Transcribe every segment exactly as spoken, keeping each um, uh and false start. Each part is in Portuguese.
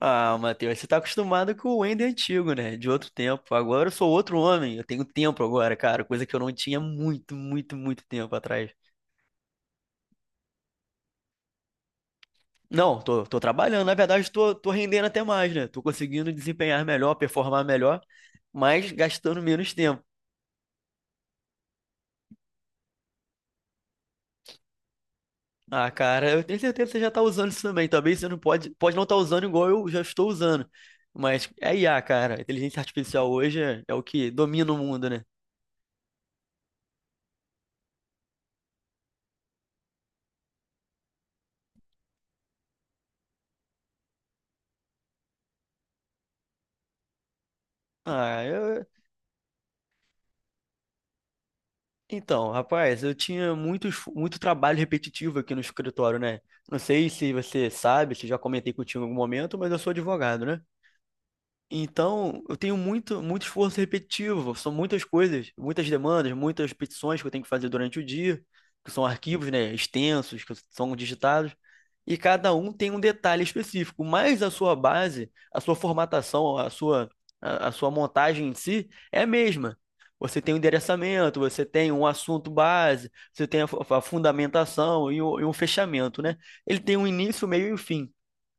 Ah, Matheus, você tá acostumado com o Ender antigo, né? De outro tempo. Agora eu sou outro homem. Eu tenho tempo agora, cara. Coisa que eu não tinha muito, muito, muito tempo atrás. Não, tô, tô trabalhando. Na verdade, tô, tô rendendo até mais, né? Tô conseguindo desempenhar melhor, performar melhor, mas gastando menos tempo. Ah, cara, eu tenho certeza que você já tá usando isso também. Talvez você não pode, pode não estar usando igual eu já estou usando. Mas é I A, cara. A inteligência artificial hoje é, é o que domina o mundo, né? Ah, eu, Então, rapaz, eu tinha muitos, muito trabalho repetitivo aqui no escritório, né? Não sei se você sabe, se já comentei contigo em algum momento, mas eu sou advogado, né? Então, eu tenho muito, muito esforço repetitivo, são muitas coisas, muitas demandas, muitas petições que eu tenho que fazer durante o dia, que são arquivos, né, extensos, que são digitados, e cada um tem um detalhe específico, mas a sua base, a sua formatação, a sua, a, a sua montagem em si é a mesma. Você tem o endereçamento, você tem um assunto base, você tem a, fu- a fundamentação e, o- e um fechamento, né? Ele tem um início, meio e um fim.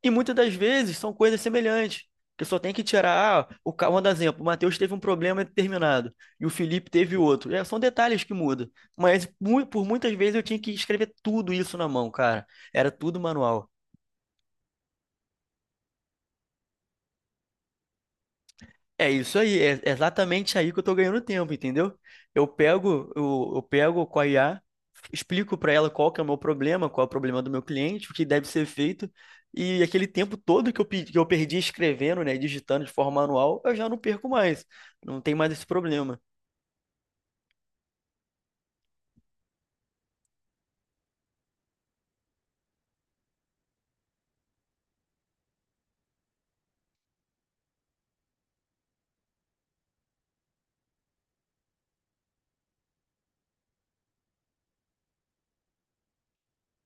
E muitas das vezes são coisas semelhantes. Porque só tem que tirar, ah, o, ca- vou dar um exemplo, o Matheus teve um problema determinado e o Felipe teve outro. É, são detalhes que mudam. Mas mu- por muitas vezes eu tinha que escrever tudo isso na mão, cara. Era tudo manual. É isso aí, é exatamente aí que eu tô ganhando tempo, entendeu? Eu pego, eu, eu pego com a I A, explico para ela qual que é o meu problema, qual é o problema do meu cliente, o que deve ser feito. E aquele tempo todo que eu, pe- que eu perdi escrevendo, né, digitando de forma manual, eu já não perco mais. Não tem mais esse problema.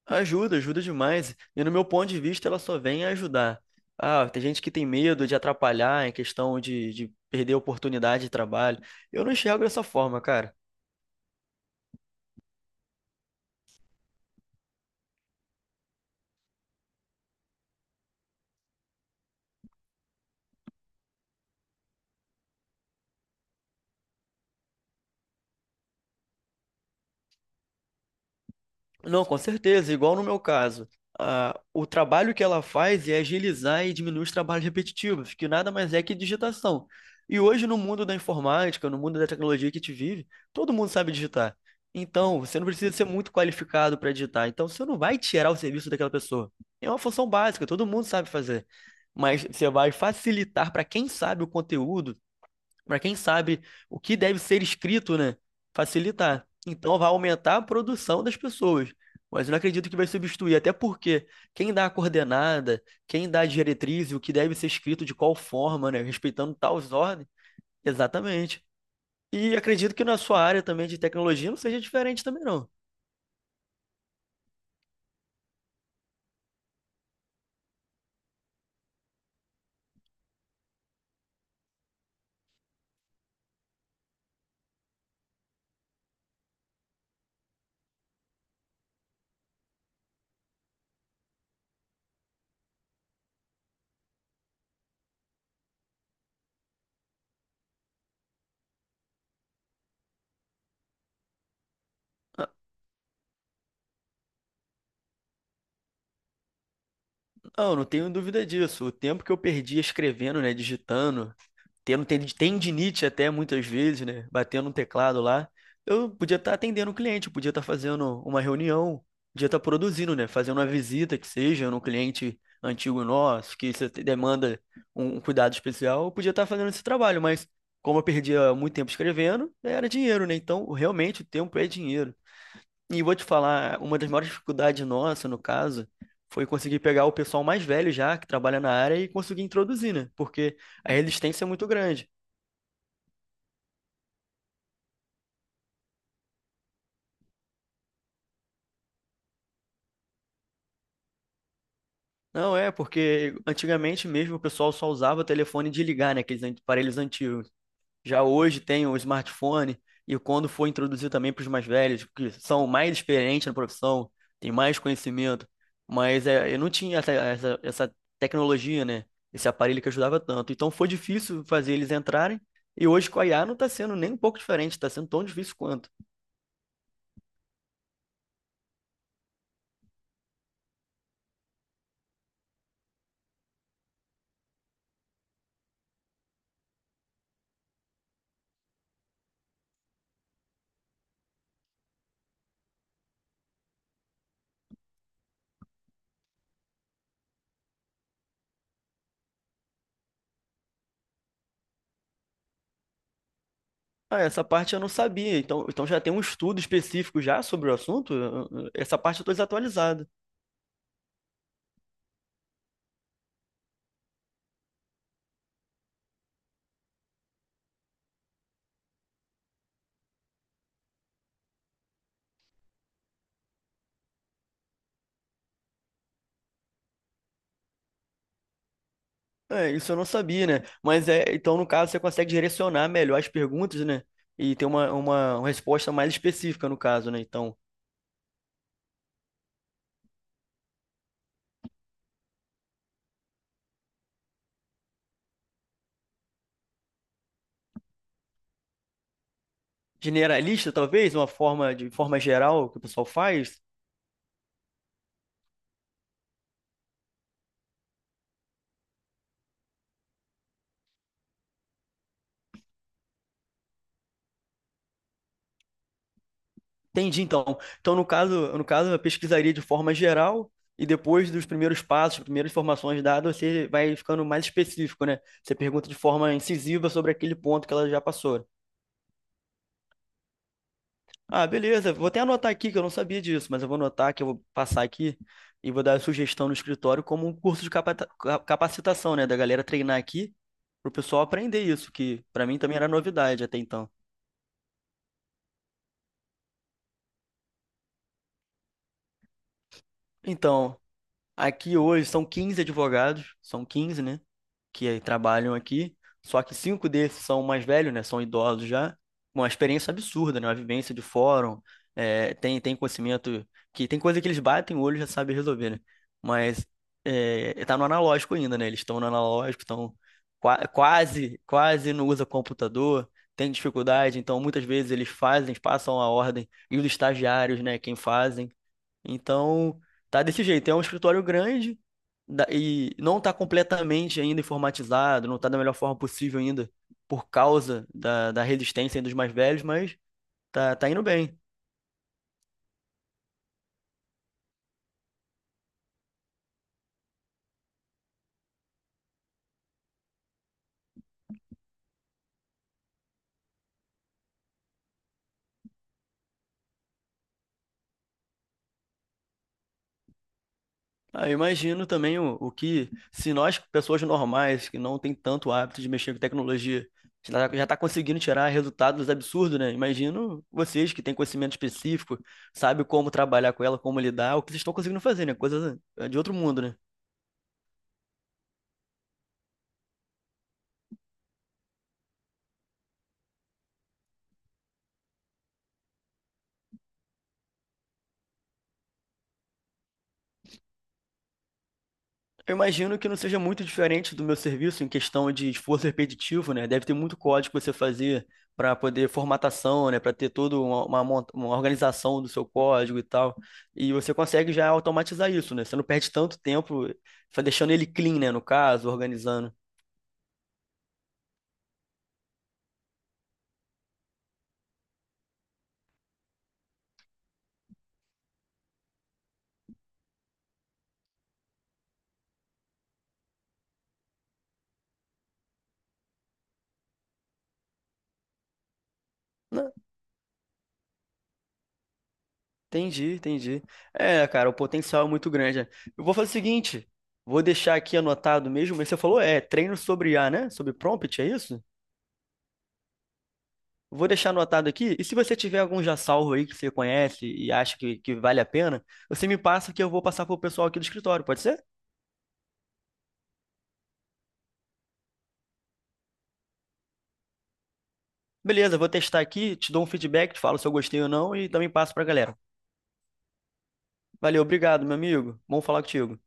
Ajuda, ajuda demais. E no meu ponto de vista, ela só vem ajudar. Ah, tem gente que tem medo de atrapalhar em questão de, de perder oportunidade de trabalho. Eu não enxergo dessa forma, cara. Não, com certeza, igual no meu caso. Ah, o trabalho que ela faz é agilizar e diminuir os trabalhos repetitivos, que nada mais é que digitação. E hoje, no mundo da informática, no mundo da tecnologia que a gente vive, todo mundo sabe digitar. Então, você não precisa ser muito qualificado para digitar. Então, você não vai tirar o serviço daquela pessoa. É uma função básica, todo mundo sabe fazer. Mas você vai facilitar para quem sabe o conteúdo para quem sabe o que deve ser escrito, né? Facilitar. Então vai aumentar a produção das pessoas. Mas eu não acredito que vai substituir, até porque quem dá a coordenada, quem dá a diretriz, e o que deve ser escrito de qual forma, né? Respeitando tais ordens. Exatamente. E acredito que na sua área também de tecnologia não seja diferente também, não. Não, não tenho dúvida disso. O tempo que eu perdi escrevendo, né, digitando, tendo ten- tendinite até muitas vezes, né? Batendo um teclado lá. Eu podia estar atendendo o cliente, eu podia estar fazendo uma reunião, podia estar produzindo, né? Fazendo uma visita que seja no cliente antigo nosso, que isso demanda um um cuidado especial, eu podia estar fazendo esse trabalho, mas como eu perdia muito tempo escrevendo, era dinheiro, né? Então, realmente, o tempo é dinheiro. E vou te falar, uma das maiores dificuldades nossa, no caso, foi conseguir pegar o pessoal mais velho já, que trabalha na área, e conseguir introduzir, né? Porque a resistência é muito grande. Não, é, porque antigamente mesmo o pessoal só usava telefone de ligar, né? Aqueles an- aparelhos antigos. Já hoje tem o smartphone, e quando foi introduzido também para os mais velhos, que são mais experientes na profissão, têm mais conhecimento, mas é, eu não tinha essa, essa, essa tecnologia, né? Esse aparelho que ajudava tanto. Então foi difícil fazer eles entrarem, e hoje com a I A não está sendo nem um pouco diferente, está sendo tão difícil quanto. Ah, essa parte eu não sabia, então, então já tem um estudo específico já sobre o assunto? Eu- eu- Essa parte eu estou desatualizado. É, isso eu não sabia, né? Mas é, então no caso você consegue direcionar melhor as perguntas, né? E ter uma, uma, uma resposta mais específica no caso, né? Então, generalista talvez, uma forma de forma geral que o pessoal faz. Entendi, então. Então no caso, no caso eu pesquisaria de forma geral e depois dos primeiros passos, primeiras informações dadas, você vai ficando mais específico, né? Você pergunta de forma incisiva sobre aquele ponto que ela já passou. Ah, beleza. Vou até anotar aqui que eu não sabia disso, mas eu vou anotar que eu vou passar aqui e vou dar a sugestão no escritório como um curso de capata- ca- capacitação, né? Da galera treinar aqui pro pessoal aprender isso, que pra mim também era novidade até então. Então, aqui hoje são quinze advogados, são quinze, né? Que trabalham aqui, só que cinco desses são mais velhos, né? São idosos já. Uma experiência absurda, né? Uma vivência de fórum, é, tem, tem conhecimento que tem coisa que eles batem o olho e já sabem resolver, né? Mas é, tá no analógico ainda, né? Eles estão no analógico, estão qua- quase, quase não usa computador, tem dificuldade, então muitas vezes eles fazem, passam a ordem e os estagiários, né? Quem fazem então, tá desse jeito. É um escritório grande da- e não está completamente ainda informatizado, não está da melhor forma possível ainda, por causa da, da resistência aí dos mais velhos, mas tá, tá indo bem. Ah, eu imagino também o, o que, se nós, pessoas normais, que não tem tanto hábito de mexer com tecnologia, já está conseguindo tirar resultados absurdos, né? Imagino vocês que têm conhecimento específico, sabem como trabalhar com ela, como lidar, o que vocês estão conseguindo fazer, né? Coisa de outro mundo, né? Eu imagino que não seja muito diferente do meu serviço em questão de esforço repetitivo, né? Deve ter muito código que você fazer para poder formatação, né? Para ter toda uma, uma mont- uma organização do seu código e tal. E você consegue já automatizar isso, né? Você não perde tanto tempo fa- deixando ele clean, né? No caso, organizando. Não, entendi, entendi. É, cara, o potencial é muito grande, né? Eu vou fazer o seguinte, vou deixar aqui anotado mesmo, mas você falou, é, treino sobre I a, né? Sobre prompt, é isso? Vou deixar anotado aqui. E se você tiver algum já salvo aí que você conhece e acha que, que vale a pena, você me passa que eu vou passar pro pessoal aqui do escritório, pode ser? Beleza, vou testar aqui, te dou um feedback, te falo se eu gostei ou não e também passo pra galera. Valeu, obrigado, meu amigo. Bom falar contigo.